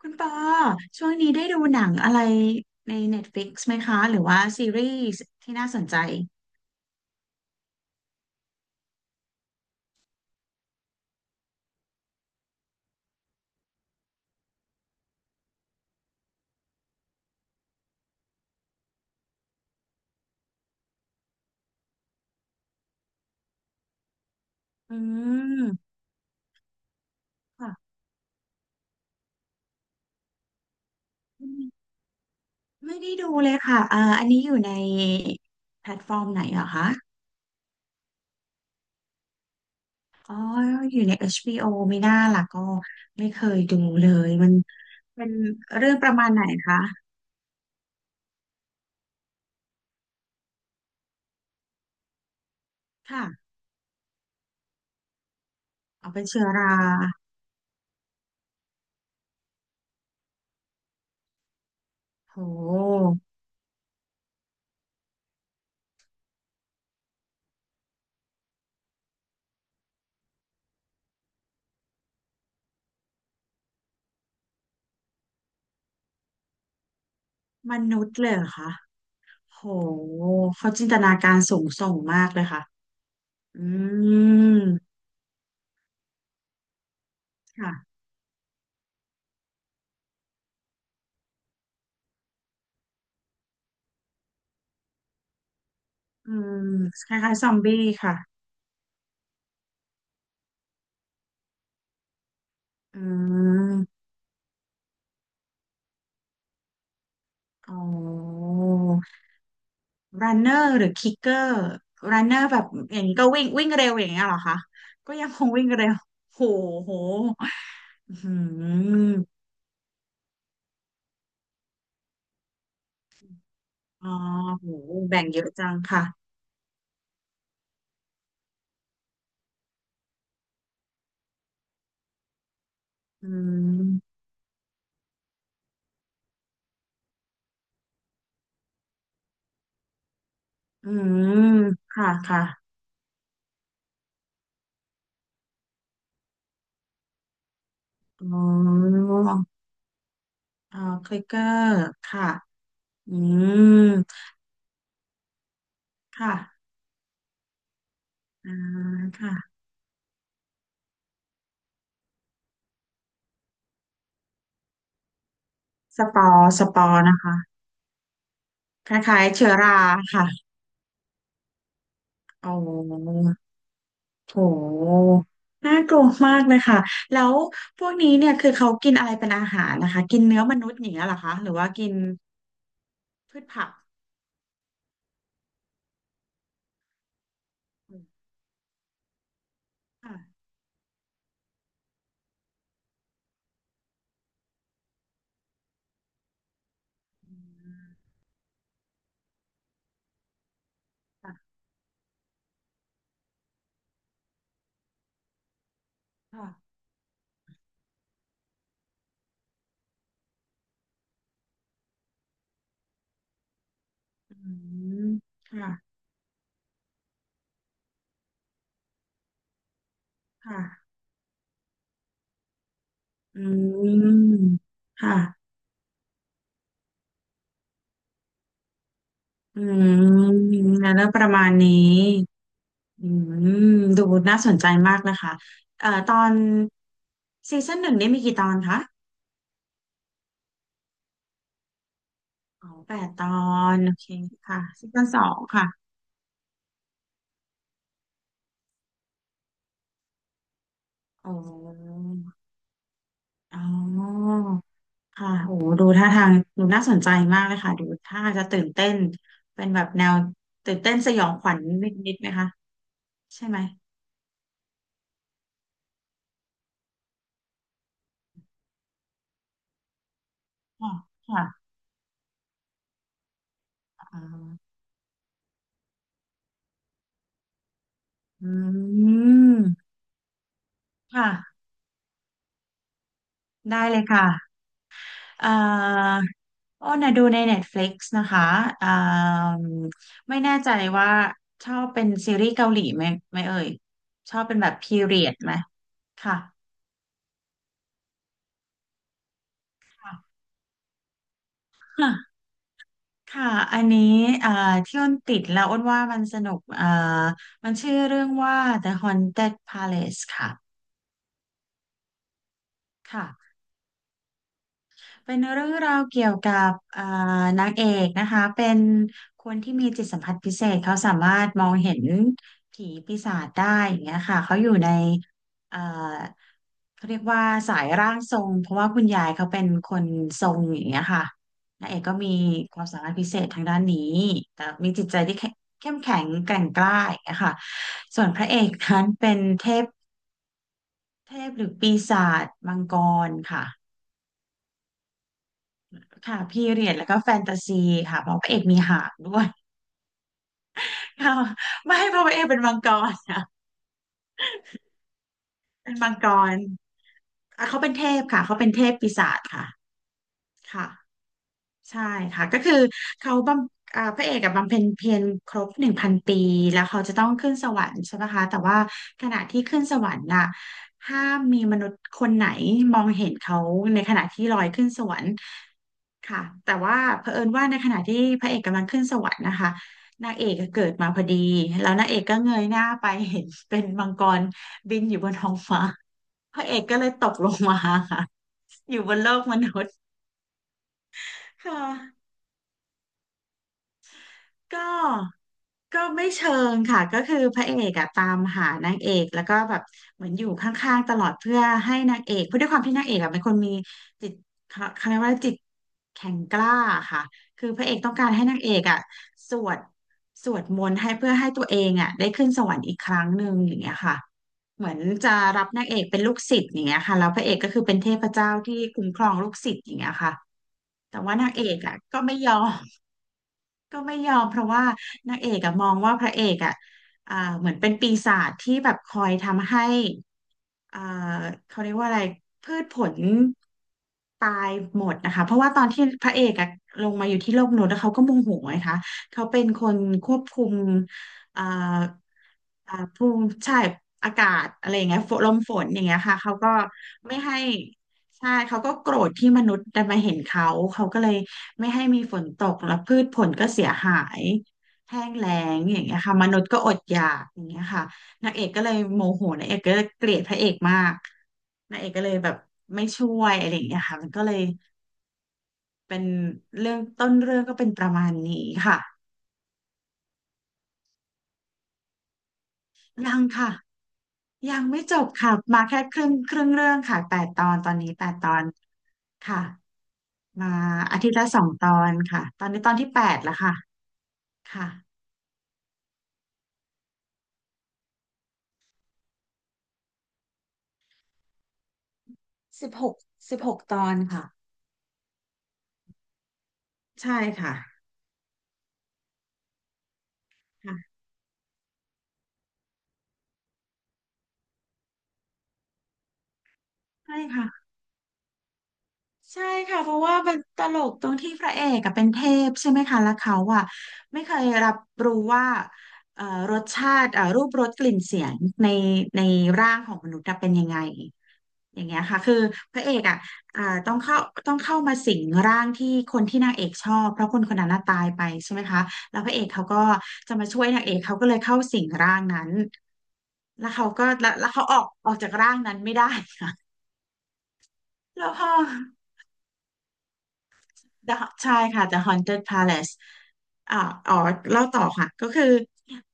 คุณปอช่วงนี้ได้ดูหนังอะไรใน Netflix ไหมคะหรือว่าซีรีส์ที่น่าสนใจอืมค่ะไม่ได้ดูเลยค่ะอันนี้อยู่ในแพลตฟอร์มไหนเหรอคะอ๋ออยู่ใน HBO ไม่น่าล่ะก็ไม่เคยดูเลยมันเป็นเรื่องประมาณไหนคะค่ะเอาเป็นเชื้อราโหมนุษย์เลยเหรอคะโหเขาจินตนาการสูงส่งมากเลยค่ะอืมค่ะ อืมคล้ายๆซอมบี้ค่ะอืมอ๋อรันเนอร์หรือคิกเกอร์รันเนอร์แบบอย่างนี้ก็วิ่งวิ่งเร็วอย่างเงี้ยเหรอคะก็ยังคงวิ่งเร็วโหโหอืมอ๋อโหแบ่งเยอะจังค่ะอืมอืมค่ะค่ะอ๋ออ๋อคลิกเกอร์ค่ะอืมค่ะอ่าค่ะสปอร์นะคะคล้ายๆเชื้อราค่ะ อ๋อโห น่ากลัวมากเลยค่ะ แล้วพวกนี้เนี่ยคือเขากินอะไรเป็นอาหารนะคะ กินเนื้อมนุษย์อย่างเงี้ยเหรอคะหรือว่ากินพืชผักอืมค่ะอืมค่ะค่ะอืมค่ะค่ะอืมค่ะอืมแล้วประมาณนี้อืมดูน่าสนใจมากนะคะตอนซีซั่นหนึ่งนี่มีกี่ตอนคะอ๋อแปดตอน โอเคค่ะซีซั่นสองค่ะ อ๋ออ๋อค่ะโหดูท่าทางดูน่าสนใจมากเลยค่ะ ดูท่าทางจะตื่นเต้น เป็นแบบแนวตื่นเต้นสยองขวัญนิดๆไหมคะ ใช่ไหมค่ะค่ะอ๋ออืมค่ะ ได้เลยค่ะเอ่ออ้นนะดูใน Netflix นะคะเอ่าไม่แน่ใจว่าชอบเป็นซีรีส์เกาหลีไหมเอ่ย ชอบเป็นแบบพีเรียดไหม ค่ะค่ะ ค่ะ อันนี้อ่าที่อ้นติดแล้วอ้นว่ามันสนุกมันชื่อเรื่องว่า The Haunted Palace ค่ะค่ะ เป็นเรื่องราวเกี่ยวกับนางเอกนะคะเป็นคนที่มีจิตสัมผัสพิเศษเขาสามารถมองเห็นผีปีศาจได้อย่างเงี้ยค่ะเขาอยู่ในเอ่าเขาเรียกว่าสายร่างทรงเพราะว่าคุณยายเขาเป็นคนทรงอย่างเงี้ยค่ะนางเอกก็มีความสามารถพิเศษทางด้านนี้แต่มีจิตใจที่แข็งเข้มแข็งแกร่งกล้าอย่างเงี้ยค่ะส่วนพระเอกนั้นเป็นเทพเทพหรือปีศาจมังกรค่ะ ค่ะพีเรียดแล้วก็แฟนตาซีค่ะเพราะพระเอกมีหางด้วย ค่ะไม่เพราะพระเอกเป็นมังกรนะเป็นมังกรอ่ะเขาเป็นเทพค่ะเขาเป็นเทพปีศาจค่ะค่ะ ใช่ค่ะก็คือเขาบำพระเอกกับบำเพ็ญเพียรครบ1,000 ปีแล้วเขาจะต้องขึ้นสวรรค์ใช่ไหมคะแต่ว่าขณะที่ขึ้นสวรรค์น่ะห้ามมีมนุษย์คนไหนมองเห็นเขาในขณะที่ลอยขึ้นสวรรค์ค่ะแต่ว่าเผอิญว่าในขณะที่พระเอกกำลังขึ้นสวรรค์นะคะนางเอกก็เกิดมาพอดีแล้วนางเอกก็เงยหน้าไปเห็นเป็นมังกรบินอยู่บนท้องฟ้า พระเอกก็เลยตกลงมาค่ะอยู่บนโลกมนุษย์ค่ะก็ ไม่เชิงค่ะก็คือพระเอกอะตามหานางเอกแล้วก็แบบเหมือนอยู่ข้างๆตลอดเพื่อให้นางเอกเพราะด้วยความที่นางเอกอะเป็นคนมีจิตเขาเรียกว่าจิตแข็งกล้าค่ะคือพระเอกต้องการให้นางเอกอะสวดสวดมนต์ให้เพื่อให้ตัวเองอะได้ขึ้นสวรรค์อีกครั้งหนึ่งอย่างเงี้ยค่ะเหมือนจะรับนางเอกเป็นลูกศิษย์อย่างเงี้ยค่ะแล้วพระเอกก็คือเป็นเทพเจ้าที่คุ้มครองลูกศิษย์อย่างเงี้ยค่ะแต่ว่านางเอกอะก็ไม่ยอม ไม่ยอมเพราะว่านางเอกอะมองว่าพระเอกอะอ่าเหมือนเป็นปีศาจที่แบบคอยทำให้อ่าเขาเรียกว่าอะไรพืชผลตายหมดนะคะเพราะว่าตอนที่พระเอกอะลงมาอยู่ที่โลกมนุษย์แล้วเขาก็โมโหไงคะเขาเป็นคนควบคุมอ่าภูมิใช่อากาศอะไรอย่างเงี้ยฝนลมฝนอย่างเงี้ยค่ะเขาก็ไม่ให้ ใช่เขาก็โกรธที่มนุษย์ได้มาเห็นเขาเขาก็เลยไม่ให้มีฝนตกแล้วพืชผลก็เสียหายแห้งแล้งอย่างเงี้ยค่ะมนุษย์ก็อดอยากอย่างเงี้ยค่ะนางเอกก็เลยโมโหนางเอกก็เลยเกลียดพระเอกมากนางเอกก็เลยแบบไม่ช่วยอะไรอย่างเงี้ยค่ะมันก็เลยเป็นเรื่องต้นเรื่องก็เป็นประมาณนี้ค่ะยังค่ะยังไม่จบค่ะมาแค่ครึ่งเรื่องค่ะแปดตอนตอนนี้แปดตอนค่ะมาอาทิตย์ละ2 ตอนค่ะตอนนี้ตอนที่ 8แล้วค่ะ ค่ะ1616 ตอนค่ะใช่ค่ะค่ะใช่ค่ะใช่ค่ะเพราะว่ามันตลกตรงที่พระเอกอะเป็นเทพใช่ไหมคะแล้วเขาอะไม่เคยรับรู้ว่าเอ่อรสชาติรูปรสกลิ่นเสียงในในร่างของมนุษย์อะเป็นยังไง อย่างเงี้ยค่ะคือพระเอกอ่ะต้องเข้าต้องเข้ามาสิงร่างที่คนที่นางเอกชอบเพราะคนคนนั้นน่ะตายไปใช่ไหมคะแล้วพระเอกเขาก็จะมาช่วยนางเอกเขาก็เลยเข้าสิงร่างนั้นแล้วเขาก็แล้วเขาออกจากร่างนั้นไม่ได้ค่ะแล้วพอ ใช่ค่ะ The Haunted Palace อ่าอ๋อเล่าต่อค่ะก็คือ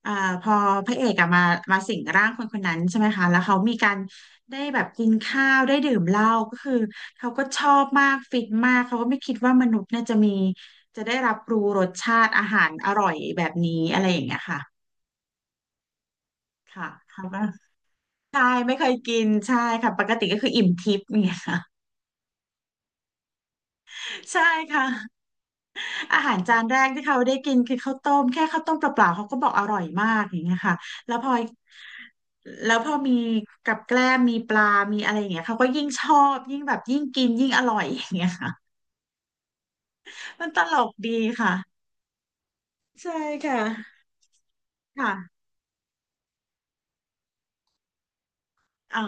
อ่าพอพระเอกอะมามาสิงร่างคนคนนั้นใช่ไหมคะแล้วเขามีการได้แบบกินข้าวได้ดื่มเหล้าก็คือเขาก็ชอบมากฟินมากเขาก็ไม่คิดว่ามนุษย์เนี่ยจะมีจะได้รับรู้รสชาติอาหารอร่อยแบบนี้อะไรอย่างเงี้ยค่ะค่ะเขาก็ใช่ไม่เคยกินใช่ค่ะปกติก็คืออิ่มทิพย์เนี่ยค่ะ ใช่ค่ะ อาหารจานแรกที่เขาได้กินคือข้าวต้มแค่ข้าวต้มเปล่าๆเขาก็บอกอร่อยมากอย่างเงี้ยค่ะแล้วพอแล้วพอมีกับแกล้มมีปลามีอะไรอย่างเงี้ยเขาก็ยิ่งชอบยิ่งแบบยิ่งกินยิ่งอร่อยอย่างเงี้ยค่ะมันตลกดีค่ะใช่ค่ะค่ะอ๋อ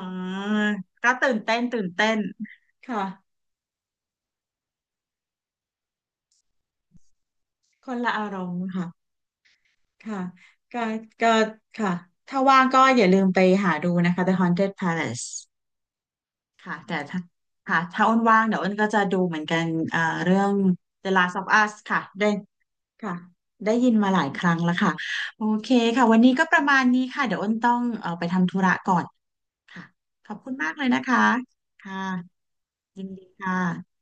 ก็ตื่นเต้นตื่นเต้นค่ะคนละอารมณ์ค่ะค่ะก็ก็ค่ะถ้าว่างก็อย่าลืมไปหาดูนะคะ The Haunted Palace ค่ะแต่ถ้าค่ะถ้าอ้นว่างเดี๋ยวอ้นก็จะดูเหมือนกันเอ่อเรื่อง The Last of Us ค่ะได้ค่ะได้ยินมาหลายครั้งแล้วค่ะโอเคค่ะวันนี้ก็ประมาณนี้ค่ะเดี๋ยวอ้นต้องไปทำธุระก่อนค่ะขอบคุณมากเลยนะคะค่ะยินดีค่ะ